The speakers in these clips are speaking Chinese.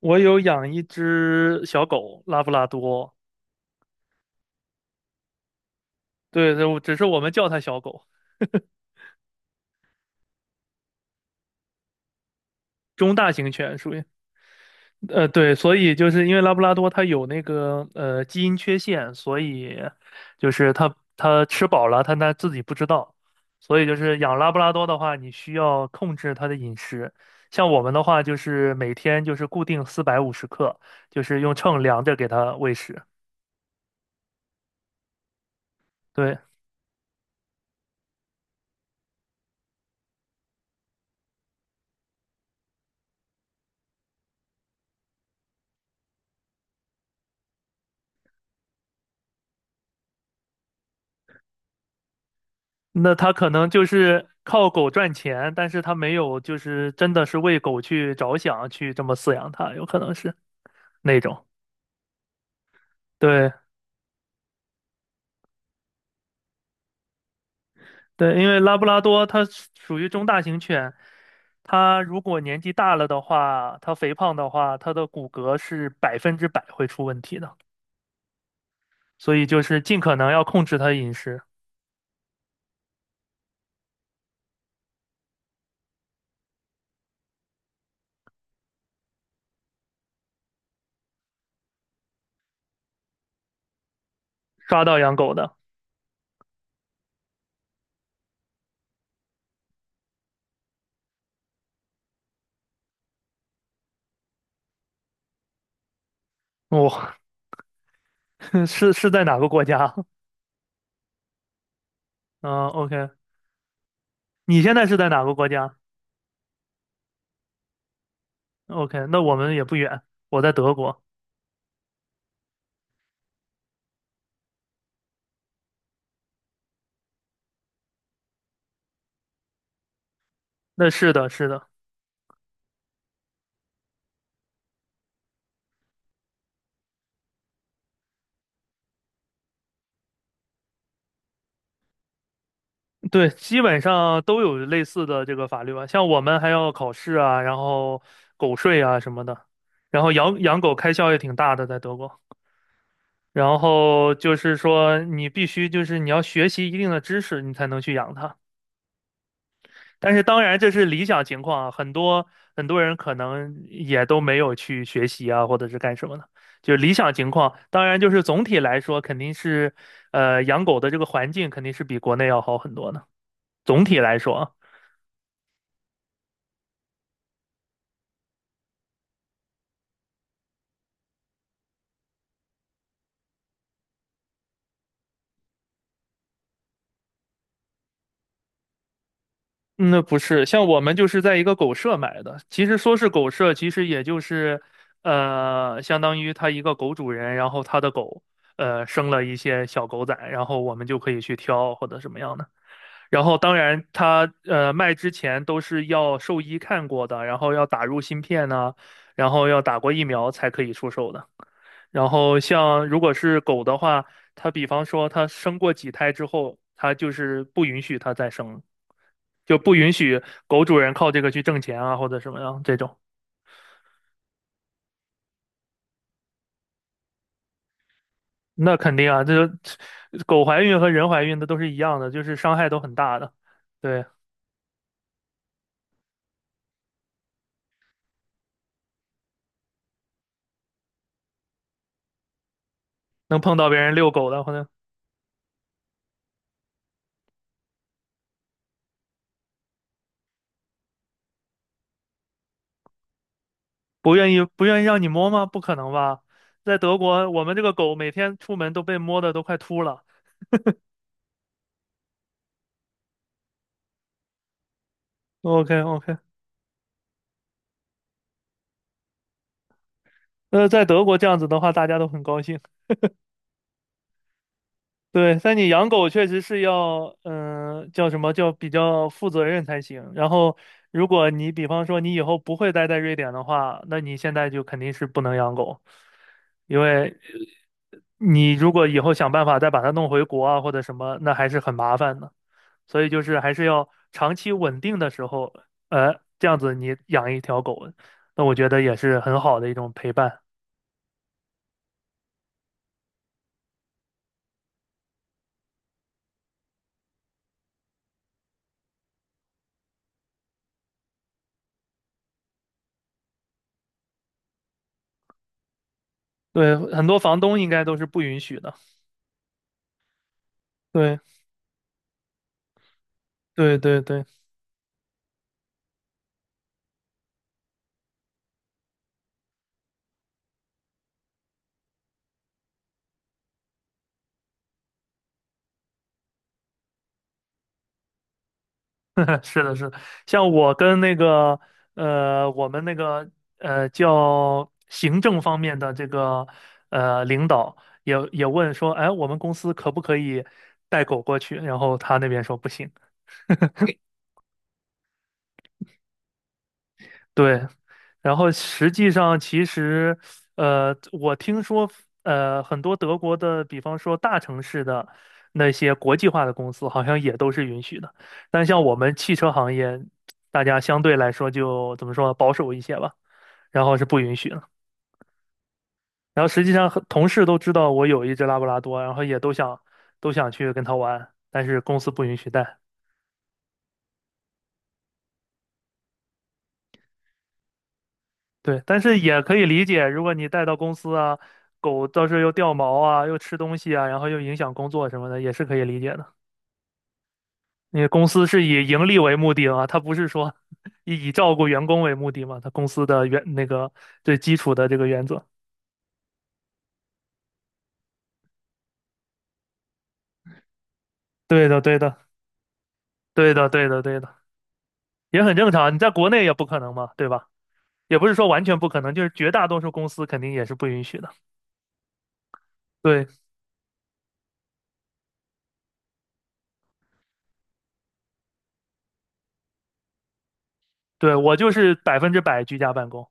我有养一只小狗，拉布拉多。对，对，只是我们叫它小狗，中大型犬属于。对，所以就是因为拉布拉多它有那个基因缺陷，所以就是它吃饱了，它自己不知道。所以就是养拉布拉多的话，你需要控制它的饮食，像我们的话就是每天就是固定450克，就是用秤量着给它喂食。对。那他可能就是靠狗赚钱，但是他没有就是真的是为狗去着想，去这么饲养它，有可能是那种。对对，因为拉布拉多它是属于中大型犬，它如果年纪大了的话，它肥胖的话，它的骨骼是百分之百会出问题的，所以就是尽可能要控制它的饮食。抓到养狗的。哇、是在哪个国家？嗯，OK。你现在是在哪个国家？OK，那我们也不远，我在德国。那是的，是的。对，基本上都有类似的这个法律吧。像我们还要考试啊，然后狗税啊什么的，然后养狗开销也挺大的，在德国。然后就是说，你必须就是你要学习一定的知识，你才能去养它。但是当然这是理想情况啊，很多很多人可能也都没有去学习啊，或者是干什么的。就是理想情况，当然就是总体来说肯定是，养狗的这个环境肯定是比国内要好很多的。总体来说啊。嗯那不是像我们就是在一个狗舍买的，其实说是狗舍，其实也就是，相当于他一个狗主人，然后他的狗，生了一些小狗仔，然后我们就可以去挑或者什么样的。然后当然它卖之前都是要兽医看过的，然后要打入芯片呐、然后要打过疫苗才可以出售的。然后像如果是狗的话，它比方说它生过几胎之后，它就是不允许它再生了，就不允许狗主人靠这个去挣钱啊或者什么样这种。那肯定啊，这狗怀孕和人怀孕的都是一样的，就是伤害都很大的。对，能碰到别人遛狗的，或者。不愿意不愿意让你摸吗？不可能吧？在德国，我们这个狗每天出门都被摸的都快秃了。OK OK。那在德国这样子的话，大家都很高兴。对，但你养狗确实是要，叫什么叫比较负责任才行。然后，如果你比方说你以后不会待在瑞典的话，那你现在就肯定是不能养狗，因为你如果以后想办法再把它弄回国啊或者什么，那还是很麻烦的。所以就是还是要长期稳定的时候，这样子你养一条狗，那我觉得也是很好的一种陪伴。对，很多房东应该都是不允许的。对，对，对，对。是的，是的。像我跟那个，我们那个，叫行政方面的这个，领导也问说，哎，我们公司可不可以带狗过去？然后他那边说不行。对，然后实际上其实，我听说，很多德国的，比方说大城市的那些国际化的公司，好像也都是允许的。但像我们汽车行业，大家相对来说就怎么说呢保守一些吧，然后是不允许的。然后实际上，很同事都知道我有一只拉布拉多，然后也都想去跟它玩，但是公司不允许带。对，但是也可以理解，如果你带到公司啊，狗到时候又掉毛啊，又吃东西啊，然后又影响工作什么的，也是可以理解的。因为公司是以盈利为目的啊，它不是说 以照顾员工为目的嘛，它公司的原那个最基础的这个原则。对的，对的，对的，对的，对的。也很正常。你在国内也不可能嘛，对吧？也不是说完全不可能，就是绝大多数公司肯定也是不允许的。对，对，我就是百分之百居家办公。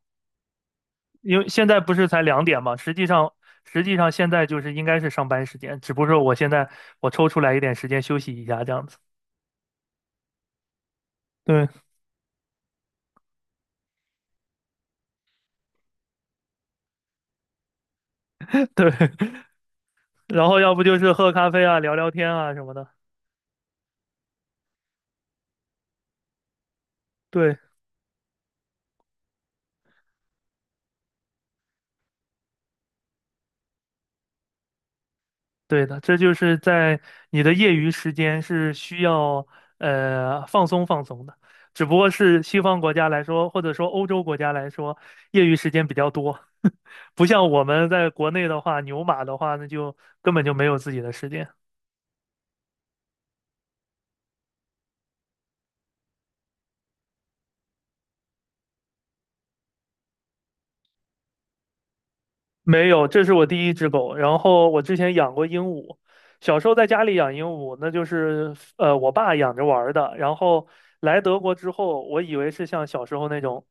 因为现在不是才2点嘛，实际上现在就是应该是上班时间，只不过我现在我抽出来一点时间休息一下这样子。对 对。然后要不就是喝咖啡啊、聊聊天啊什么的。对，对的，这就是在你的业余时间是需要放松放松的，只不过是西方国家来说，或者说欧洲国家来说，业余时间比较多。不像我们在国内的话，牛马的话，那就根本就没有自己的时间。没有，这是我第一只狗。然后我之前养过鹦鹉，小时候在家里养鹦鹉，那就是我爸养着玩儿的。然后来德国之后，我以为是像小时候那种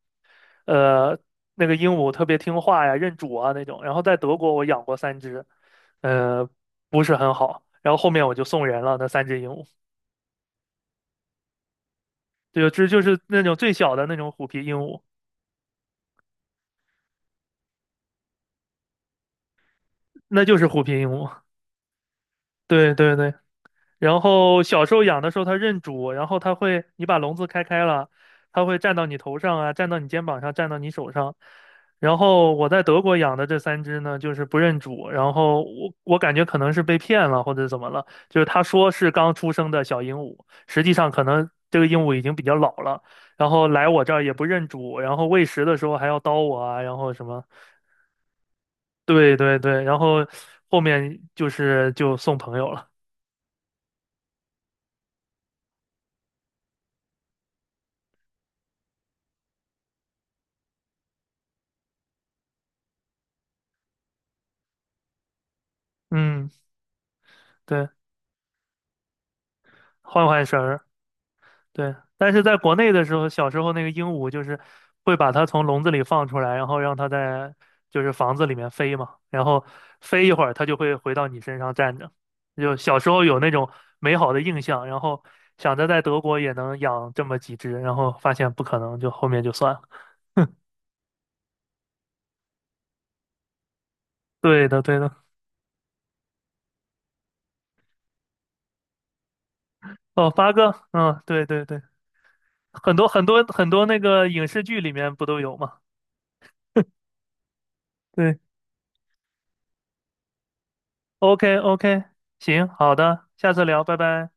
呃那个鹦鹉特别听话呀、认主啊那种。然后在德国我养过三只，呃不是很好。然后后面我就送人了那三只鹦鹉。对，这就是那种最小的那种虎皮鹦鹉。那就是虎皮鹦鹉。对对对。然后小时候养的时候它认主，然后它会，你把笼子开开了，它会站到你头上啊，站到你肩膀上，站到你手上。然后我在德国养的这三只呢，就是不认主，然后我感觉可能是被骗了或者怎么了，就是他说是刚出生的小鹦鹉，实际上可能这个鹦鹉已经比较老了，然后来我这儿也不认主，然后喂食的时候还要叨我啊，然后什么。对对对，然后后面就是就送朋友了。嗯，对，换换绳儿。对，但是在国内的时候，小时候那个鹦鹉就是会把它从笼子里放出来，然后让它在就是房子里面飞嘛，然后飞一会儿，它就会回到你身上站着。就小时候有那种美好的印象，然后想着在德国也能养这么几只，然后发现不可能，就后面就算了。对的，对的。哦，八哥，嗯，对对对。很多很多很多那个影视剧里面不都有嘛？对，OK OK，行，好的，下次聊，拜拜。